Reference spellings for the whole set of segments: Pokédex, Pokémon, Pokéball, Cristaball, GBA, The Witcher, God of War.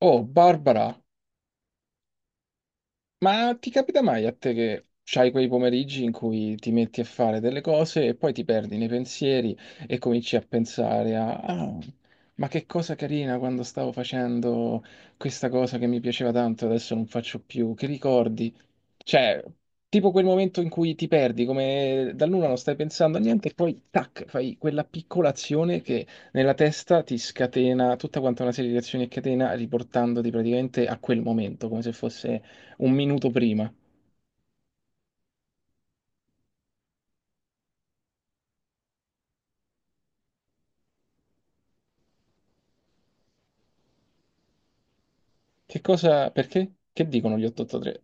Oh, Barbara, ma ti capita mai a te che c'hai quei pomeriggi in cui ti metti a fare delle cose e poi ti perdi nei pensieri e cominci a pensare a, ah, ma che cosa carina quando stavo facendo questa cosa che mi piaceva tanto, adesso non faccio più, che ricordi? Cioè, tipo quel momento in cui ti perdi, come da nulla non stai pensando a niente e poi tac, fai quella piccola azione che nella testa ti scatena tutta quanta una serie di azioni a catena riportandoti praticamente a quel momento, come se fosse un minuto prima. Che cosa, perché? Che dicono gli 883?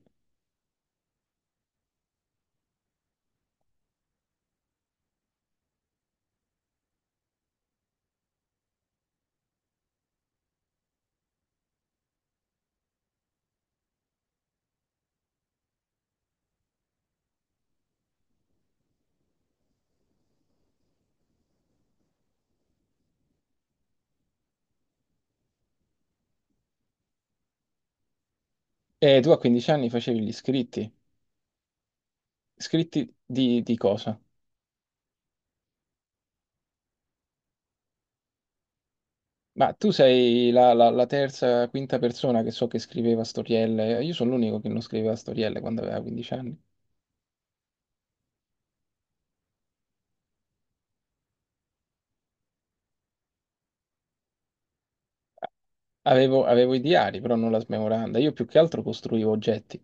Tu a 15 anni facevi gli iscritti. Iscritti di cosa? Ma tu sei la terza, quinta persona che so che scriveva storielle. Io sono l'unico che non scriveva storielle quando aveva 15 anni. Avevo i diari, però non la smemoranda. Io più che altro costruivo oggetti,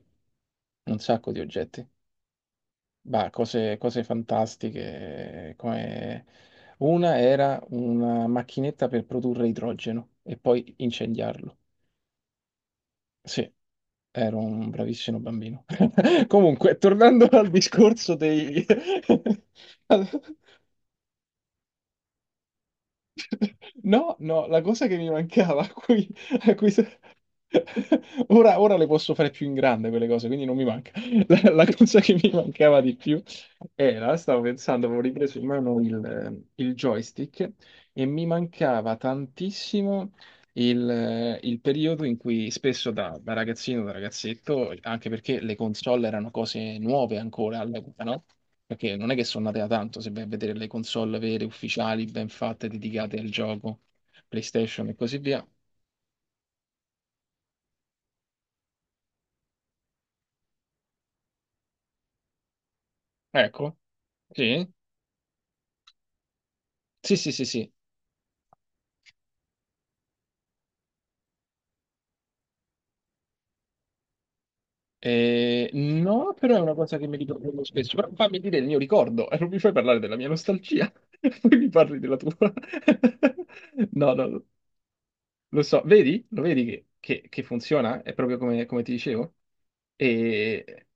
un sacco di oggetti. Bah, cose fantastiche, come una era una macchinetta per produrre idrogeno e poi incendiarlo. Sì, ero un bravissimo bambino. Comunque, tornando al discorso dei... No, no, la cosa che mi mancava, a cui, a cui se- ora le posso fare più in grande quelle cose, quindi non mi manca. La cosa che mi mancava di più era, stavo pensando, avevo ripreso in mano il joystick e mi mancava tantissimo il periodo in cui spesso da ragazzino, da ragazzetto, anche perché le console erano cose nuove ancora all'epoca, no? Perché non è che sono nate da tanto, se vai a vedere le console vere, ufficiali, ben fatte, dedicate al gioco, PlayStation e così via. Ecco, sì, sì, sì, sì, sì. No, però è una cosa che mi ricordo molto spesso. Però fammi dire il mio ricordo, e non mi fai parlare della mia nostalgia, poi mi parli della tua. No, no, no. Lo so, vedi? Lo vedi che funziona? È proprio come, come ti dicevo. E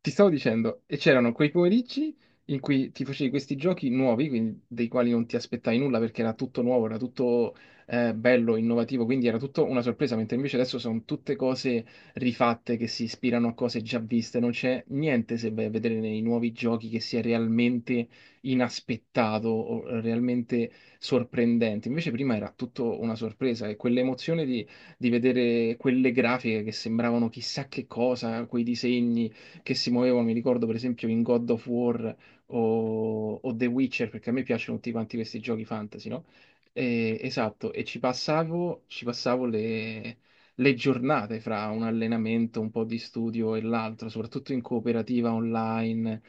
ti stavo dicendo, e c'erano quei pomeriggi in cui ti facevi questi giochi nuovi, quindi dei quali non ti aspettavi nulla perché era tutto nuovo, era tutto bello, innovativo, quindi era tutto una sorpresa, mentre invece adesso sono tutte cose rifatte che si ispirano a cose già viste, non c'è niente se vai a vedere nei nuovi giochi che sia realmente inaspettato o realmente sorprendente. Invece prima era tutto una sorpresa e quell'emozione di vedere quelle grafiche che sembravano chissà che cosa, quei disegni che si muovevano, mi ricordo per esempio in God of War o The Witcher, perché a me piacciono tutti quanti questi giochi fantasy, no? Esatto, e ci passavo le giornate fra un allenamento, un po' di studio e l'altro, soprattutto in cooperativa online.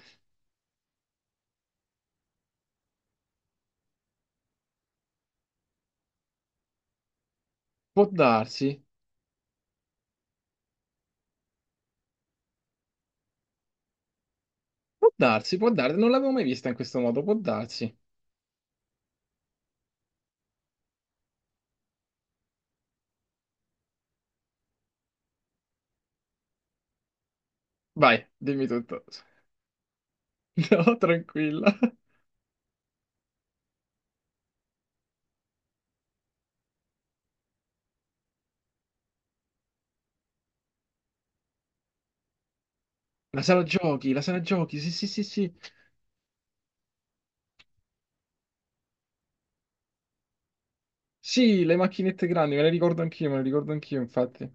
Può darsi, può darsi, può darsi, non l'avevo mai vista in questo modo, può darsi. Vai, dimmi tutto. No, tranquilla. La sala giochi, sì, sì, sì, sì. Sì, le macchinette grandi, me le ricordo anch'io, me le ricordo anch'io, infatti.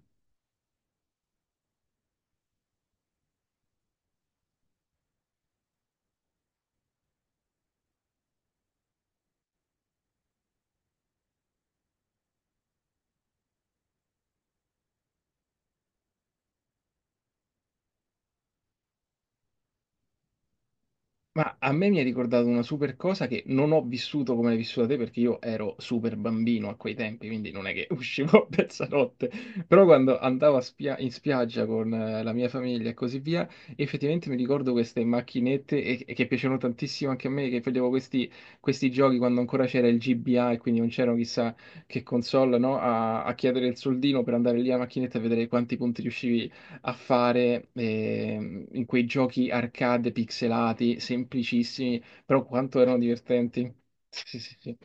Ma a me mi hai ricordato una super cosa che non ho vissuto come l'hai vissuta te perché io ero super bambino a quei tempi, quindi non è che uscivo a mezzanotte, però quando andavo a in spiaggia con la mia famiglia e così via, effettivamente mi ricordo queste macchinette e che piacevano tantissimo anche a me, che facevo questi, questi giochi quando ancora c'era il GBA e quindi non c'erano chissà che console, no? A chiedere il soldino per andare lì a macchinetta e vedere quanti punti riuscivi a fare in quei giochi arcade pixelati, semplicissimi, però quanto erano divertenti. Sì, sì, sì, sì.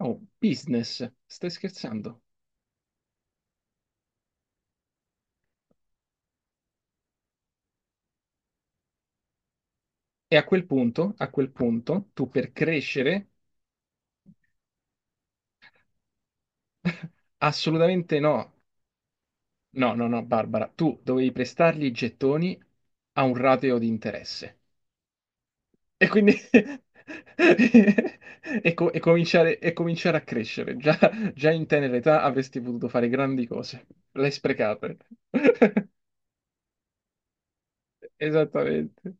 Oh, business, stai scherzando? E a quel punto, tu per crescere, assolutamente no. No, no, no, Barbara, tu dovevi prestargli i gettoni a un rateo di interesse. E quindi e cominciare a crescere. Già, già in tenera età avresti potuto fare grandi cose. Le hai sprecate. Esattamente.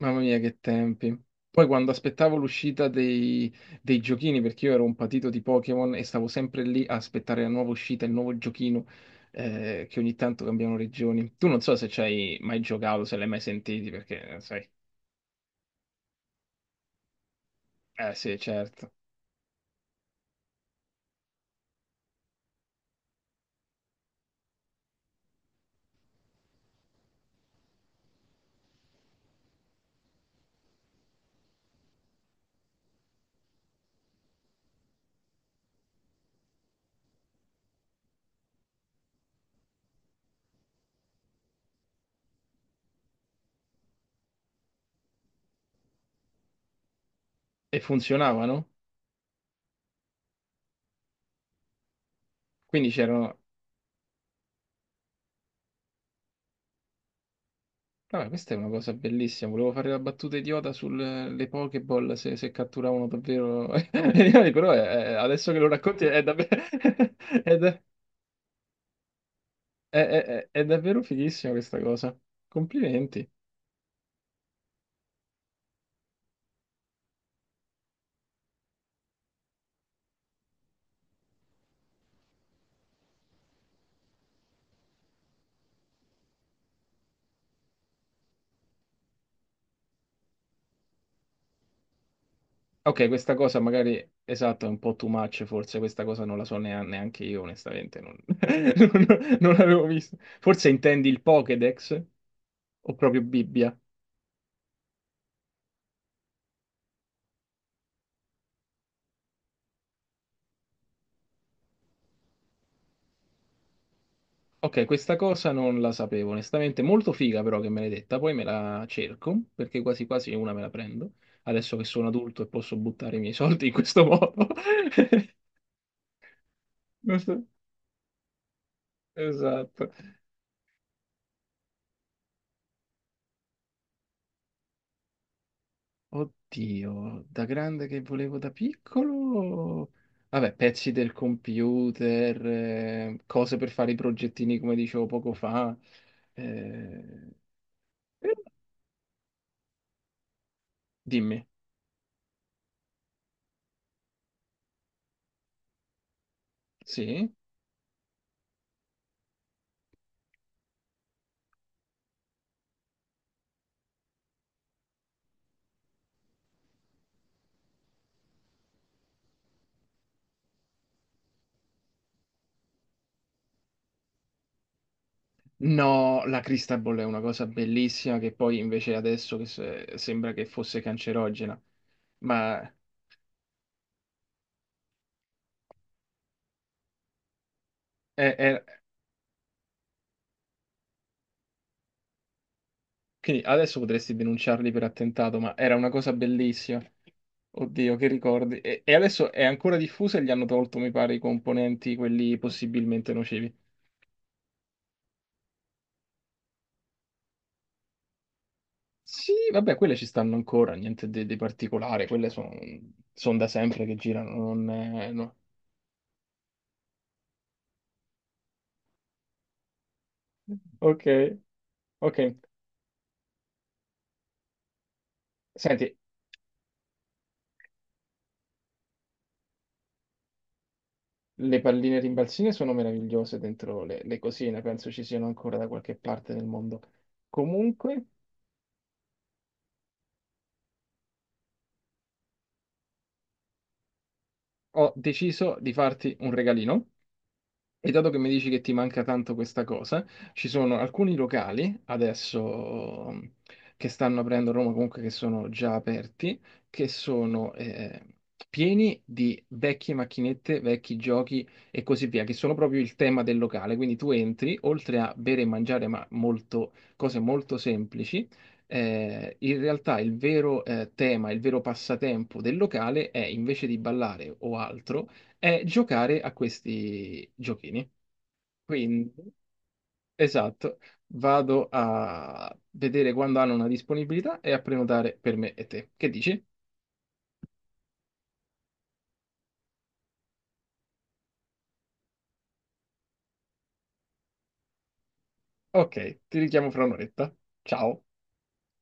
Mamma mia, che tempi. Poi quando aspettavo l'uscita dei, dei giochini, perché io ero un patito di Pokémon e stavo sempre lì a aspettare la nuova uscita, il nuovo giochino, che ogni tanto cambiano regioni. Tu non so se ci hai mai giocato, se l'hai mai sentiti, perché, sai... Eh sì, certo. E funzionavano. Quindi c'erano... Vabbè, questa è una cosa bellissima. Volevo fare la battuta idiota sulle Pokéball se, se catturavano davvero gli animali, però adesso che lo racconti è davvero, è, da- è è davvero fighissima questa cosa. Complimenti. Ok, questa cosa magari, esatto, è un po' too much, forse questa cosa non la so neanche io, onestamente, non, non l'avevo vista. Forse intendi il Pokédex o proprio Bibbia? Ok, questa cosa non la sapevo, onestamente. Molto figa però che me l'hai detta, poi me la cerco, perché quasi quasi una me la prendo, adesso che sono adulto e posso buttare i miei soldi in questo modo. Non so- Esatto. Oddio, da grande che volevo da piccolo... Vabbè, pezzi del computer, cose per fare i progettini come dicevo poco fa. Eh, Dimmi, sì? No, la Cristaball è una cosa bellissima che poi invece adesso che sembra che fosse cancerogena, ma è- è- quindi adesso potresti denunciarli per attentato, ma era una cosa bellissima. Oddio, che ricordi. E adesso è ancora diffusa e gli hanno tolto, mi pare, i componenti, quelli possibilmente nocivi. Sì, vabbè, quelle ci stanno ancora, niente di, di particolare, quelle sono da sempre che girano, non è- no. Ok, ok. Senti, le palline rimbalzine sono meravigliose dentro le cosine, penso ci siano ancora da qualche parte nel mondo. Comunque, ho deciso di farti un regalino. E dato che mi dici che ti manca tanto questa cosa, ci sono alcuni locali adesso che stanno aprendo a Roma, comunque che sono già aperti, che sono pieni di vecchie macchinette, vecchi giochi e così via, che sono proprio il tema del locale. Quindi tu entri, oltre a bere e mangiare, ma molto, cose molto semplici, in realtà il vero tema, il vero passatempo del locale è invece di ballare o altro è giocare a questi giochini. Quindi, esatto, vado a vedere quando hanno una disponibilità e a prenotare per me e te. Che dici? Ok, ti richiamo fra un'oretta. Ciao.